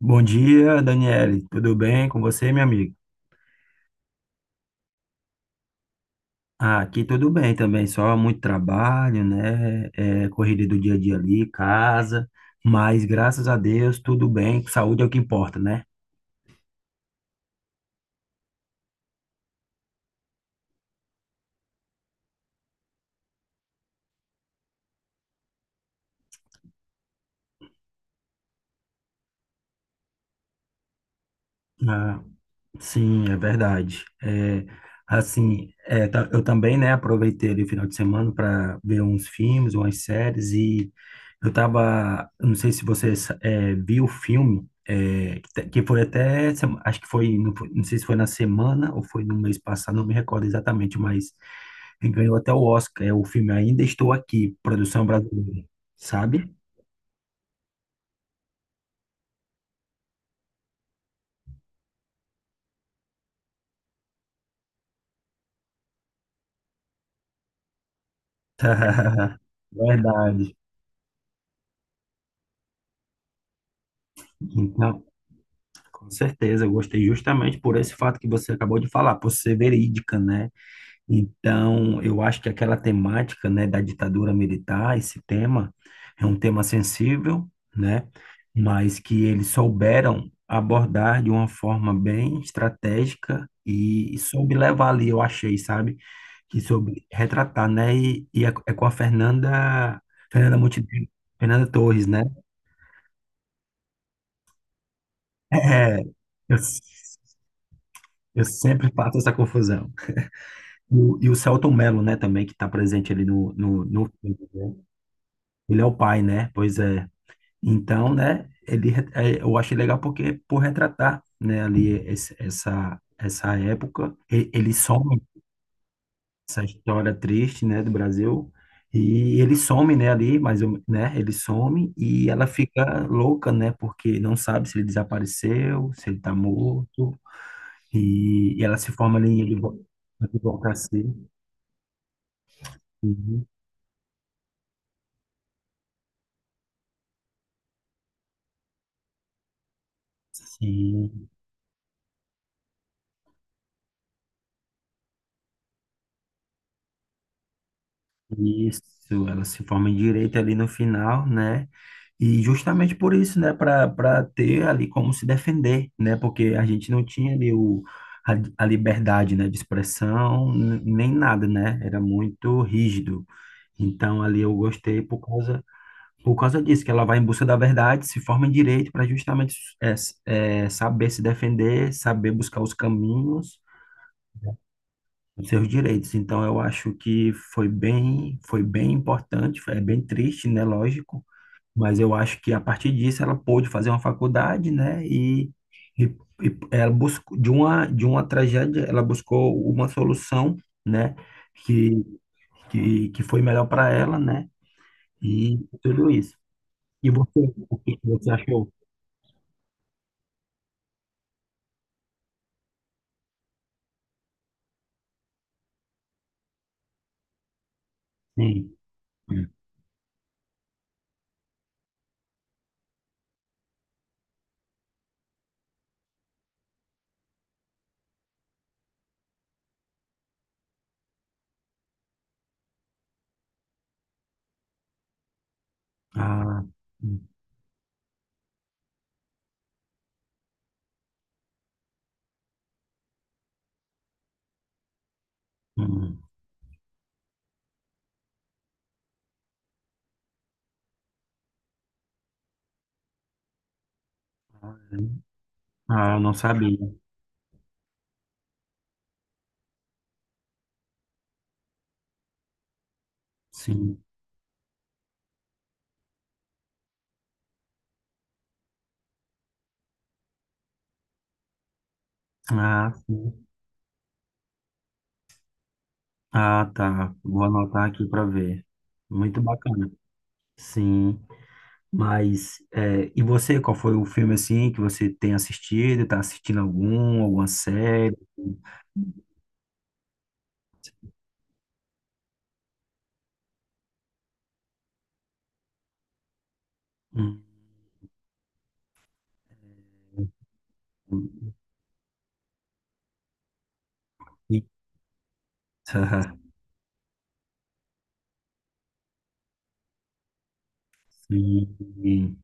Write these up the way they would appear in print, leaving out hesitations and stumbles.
Bom dia, Daniele. Tudo bem com você, minha amiga? Ah, aqui tudo bem também, só muito trabalho, né? Correria do dia a dia ali, casa, mas graças a Deus tudo bem, saúde é o que importa, né? Ah, sim, é verdade. Assim, eu também, né, aproveitei ali o final de semana para ver uns filmes, umas séries. E eu não sei se você viu o filme, que foi até, acho que foi, não, não sei se foi na semana ou foi no mês passado, não me recordo exatamente, mas ele ganhou até o Oscar. É o filme Ainda Estou Aqui, produção brasileira, sabe? Verdade. Então, com certeza, eu gostei justamente por esse fato que você acabou de falar, por ser verídica, né? Então, eu acho que aquela temática, né, da ditadura militar, esse tema, é um tema sensível, né? Mas que eles souberam abordar de uma forma bem estratégica e soube levar ali, eu achei, sabe? Que soube retratar, né? E é com a Fernanda, Fernanda Montenegro, Fernanda Torres, né? É, eu, eu sempre faço essa confusão. E o Selton Mello, né, também, que está presente ali no filme, né? Ele é o pai, né? Pois é. Então, né, eu achei legal porque, por retratar, né, ali essa época, ele some essa história triste, né, do Brasil, e ele some, né, ali, mas, né, ele some e ela fica louca, né, porque não sabe se ele desapareceu, se ele está morto, e ela se forma ali em advocacia. Uhum. Sim, isso, ela se forma em direito ali no final, né? E justamente por isso, né, para ter ali como se defender, né? Porque a gente não tinha ali a, a liberdade, né, de expressão, nem nada, né? Era muito rígido. Então ali eu gostei por causa disso, que ela vai em busca da verdade, se forma em direito para justamente saber se defender, saber buscar os caminhos, os seus direitos. Então, eu acho que foi bem importante, é bem triste, né? Lógico, mas eu acho que a partir disso ela pôde fazer uma faculdade, né? E, e ela buscou de uma tragédia, ela buscou uma solução, né? Que que foi melhor para ela, né? E tudo isso. E você, o que que você achou? Sim. Hum. Ah, hum, hum. Ah, eu não sabia. Sim. Ah, sim. Ah, tá. Vou anotar aqui para ver. Muito bacana. Sim. Mas, e você, qual foi o filme assim que você tem assistido? Tá assistindo alguma série? Hum, eita. Sim.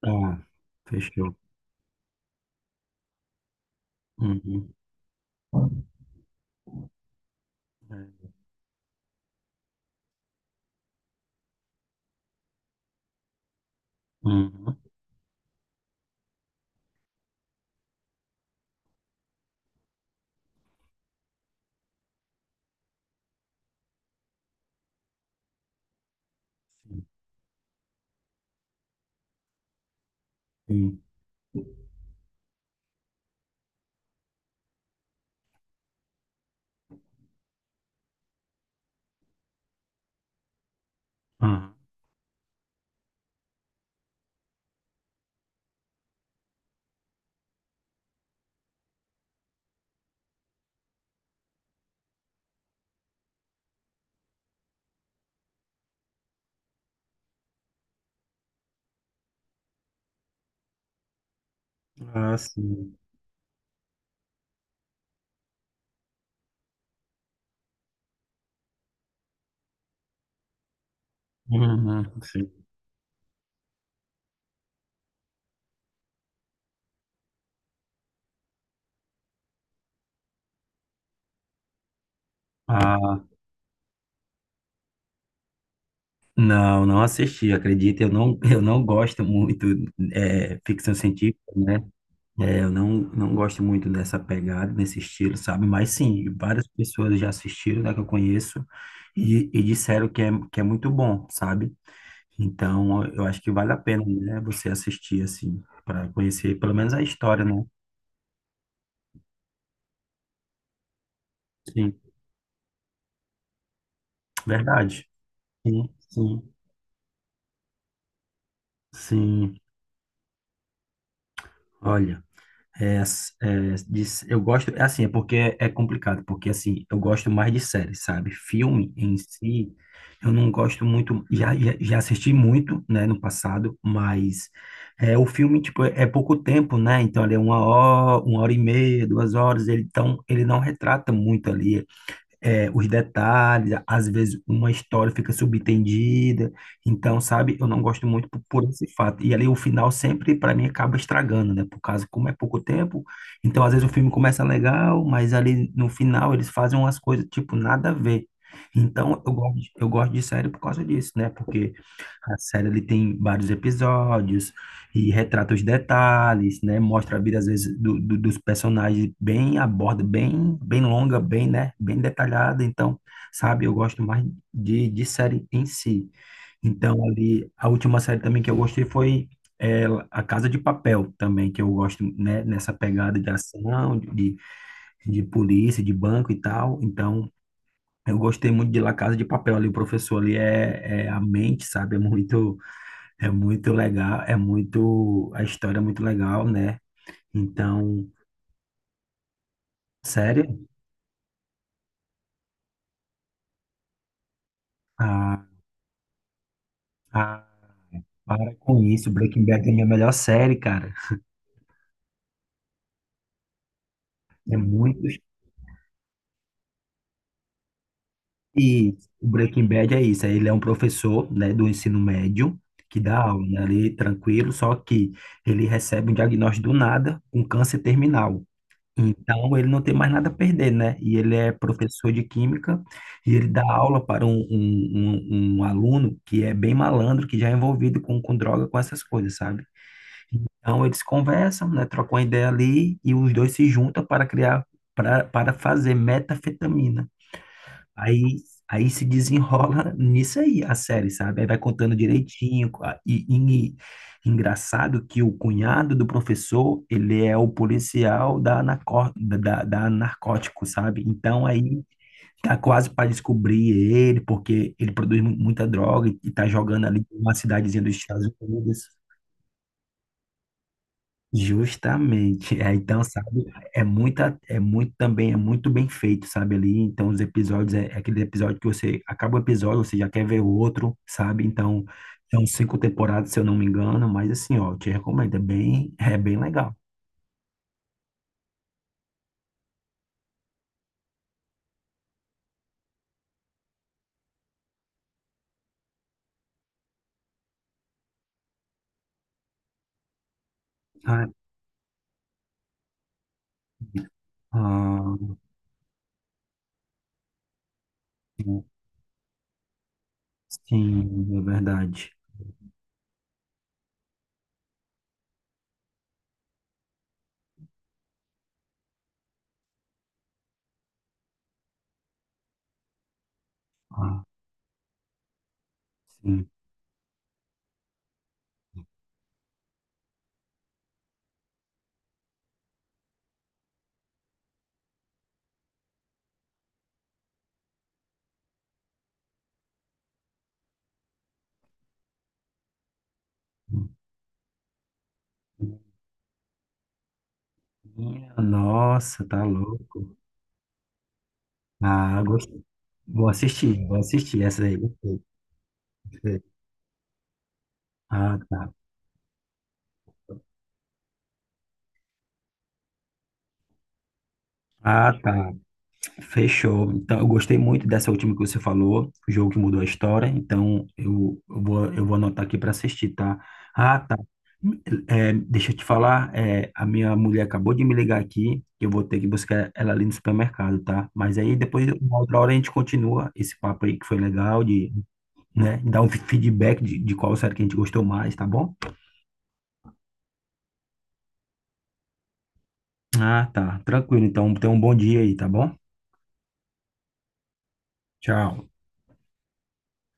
Tá. Fechou. Uhum. É. Uhum. Sim. Uhum. Ah, sim. Uhum. Sim. Ah, não, não assisti, acredita, eu não gosto muito. Ficção científica, né? É, eu não gosto muito dessa pegada, desse estilo, sabe? Mas sim, várias pessoas já assistiram, né, que eu conheço, e disseram que é muito bom, sabe? Então, eu acho que vale a pena, né, você assistir, assim, para conhecer pelo menos a história, né? Sim, verdade. Sim, sim, sim. Olha. Eu gosto, é assim, é porque é complicado, porque assim, eu gosto mais de séries, sabe? Filme em si, eu não gosto muito, já assisti muito, né, no passado, mas o filme, tipo, é pouco tempo, né? Então, ele é 1 hora, 1h30, 2 horas. Ele, então, ele não retrata muito ali os detalhes, às vezes uma história fica subentendida, então, sabe, eu não gosto muito por esse fato. E ali o final sempre, para mim, acaba estragando, né? Por causa, como é pouco tempo, então às vezes o filme começa legal, mas ali no final eles fazem umas coisas, tipo, nada a ver. Então, eu gosto de série por causa disso, né? Porque a série ele tem vários episódios e retrata os detalhes, né? Mostra a vida, às vezes, dos personagens bem aborda bem, longa, bem, né? Bem detalhada. Então, sabe, eu gosto mais de série em si. Então, ali, a última série também que eu gostei foi é, A Casa de Papel, também, que eu gosto, né? Nessa pegada de ação, de polícia, de banco e tal. Então, eu gostei muito de La Casa de Papel ali. O professor ali é a mente, sabe? É muito legal, é muito, a história é muito legal, né? Então, sério, ah, ah, para com isso, Breaking Bad é a minha melhor série, cara. É muito, e o Breaking Bad é isso, ele é um professor, né, do ensino médio, que dá aula, né, ali, tranquilo, só que ele recebe um diagnóstico do nada, um câncer terminal. Então, ele não tem mais nada a perder, né? E ele é professor de química e ele dá aula para um aluno que é bem malandro, que já é envolvido com droga, com essas coisas, sabe? Então, eles conversam, né? Trocam uma ideia ali e os dois se juntam para fazer metafetamina. Aí, aí se desenrola nisso aí, a série, sabe? Aí vai contando direitinho. E engraçado que o cunhado do professor, ele é o policial da, narco, da, da da narcótico, sabe? Então aí tá quase para descobrir ele, porque ele produz muita droga e tá jogando ali numa cidadezinha dos Estados Unidos. Justamente. É, então, sabe, é muito também, é muito bem feito, sabe, ali. Então, os episódios, é aquele episódio que você acaba o episódio, você já quer ver o outro, sabe? Então, são cinco temporadas, se eu não me engano, mas assim, ó, eu te recomendo, é bem legal. Ah, ah, sim, é verdade. Ah, sim. Minha Nossa, tá louco. Ah, gostei. Vou assistir essa aí. Gostei, gostei. Ah, tá. Ah, tá. Fechou. Então, eu gostei muito dessa última que você falou, O Jogo que Mudou a História. Então, eu vou anotar aqui para assistir, tá? Ah, tá. Deixa eu te falar, a minha mulher acabou de me ligar aqui, eu vou ter que buscar ela ali no supermercado, tá? Mas aí depois, uma outra hora, a gente continua esse papo aí que foi legal, de, né, dar um feedback de qual série que a gente gostou mais, tá bom? Ah, tá. Tranquilo. Então, tenha um bom dia aí, tá bom? Tchau.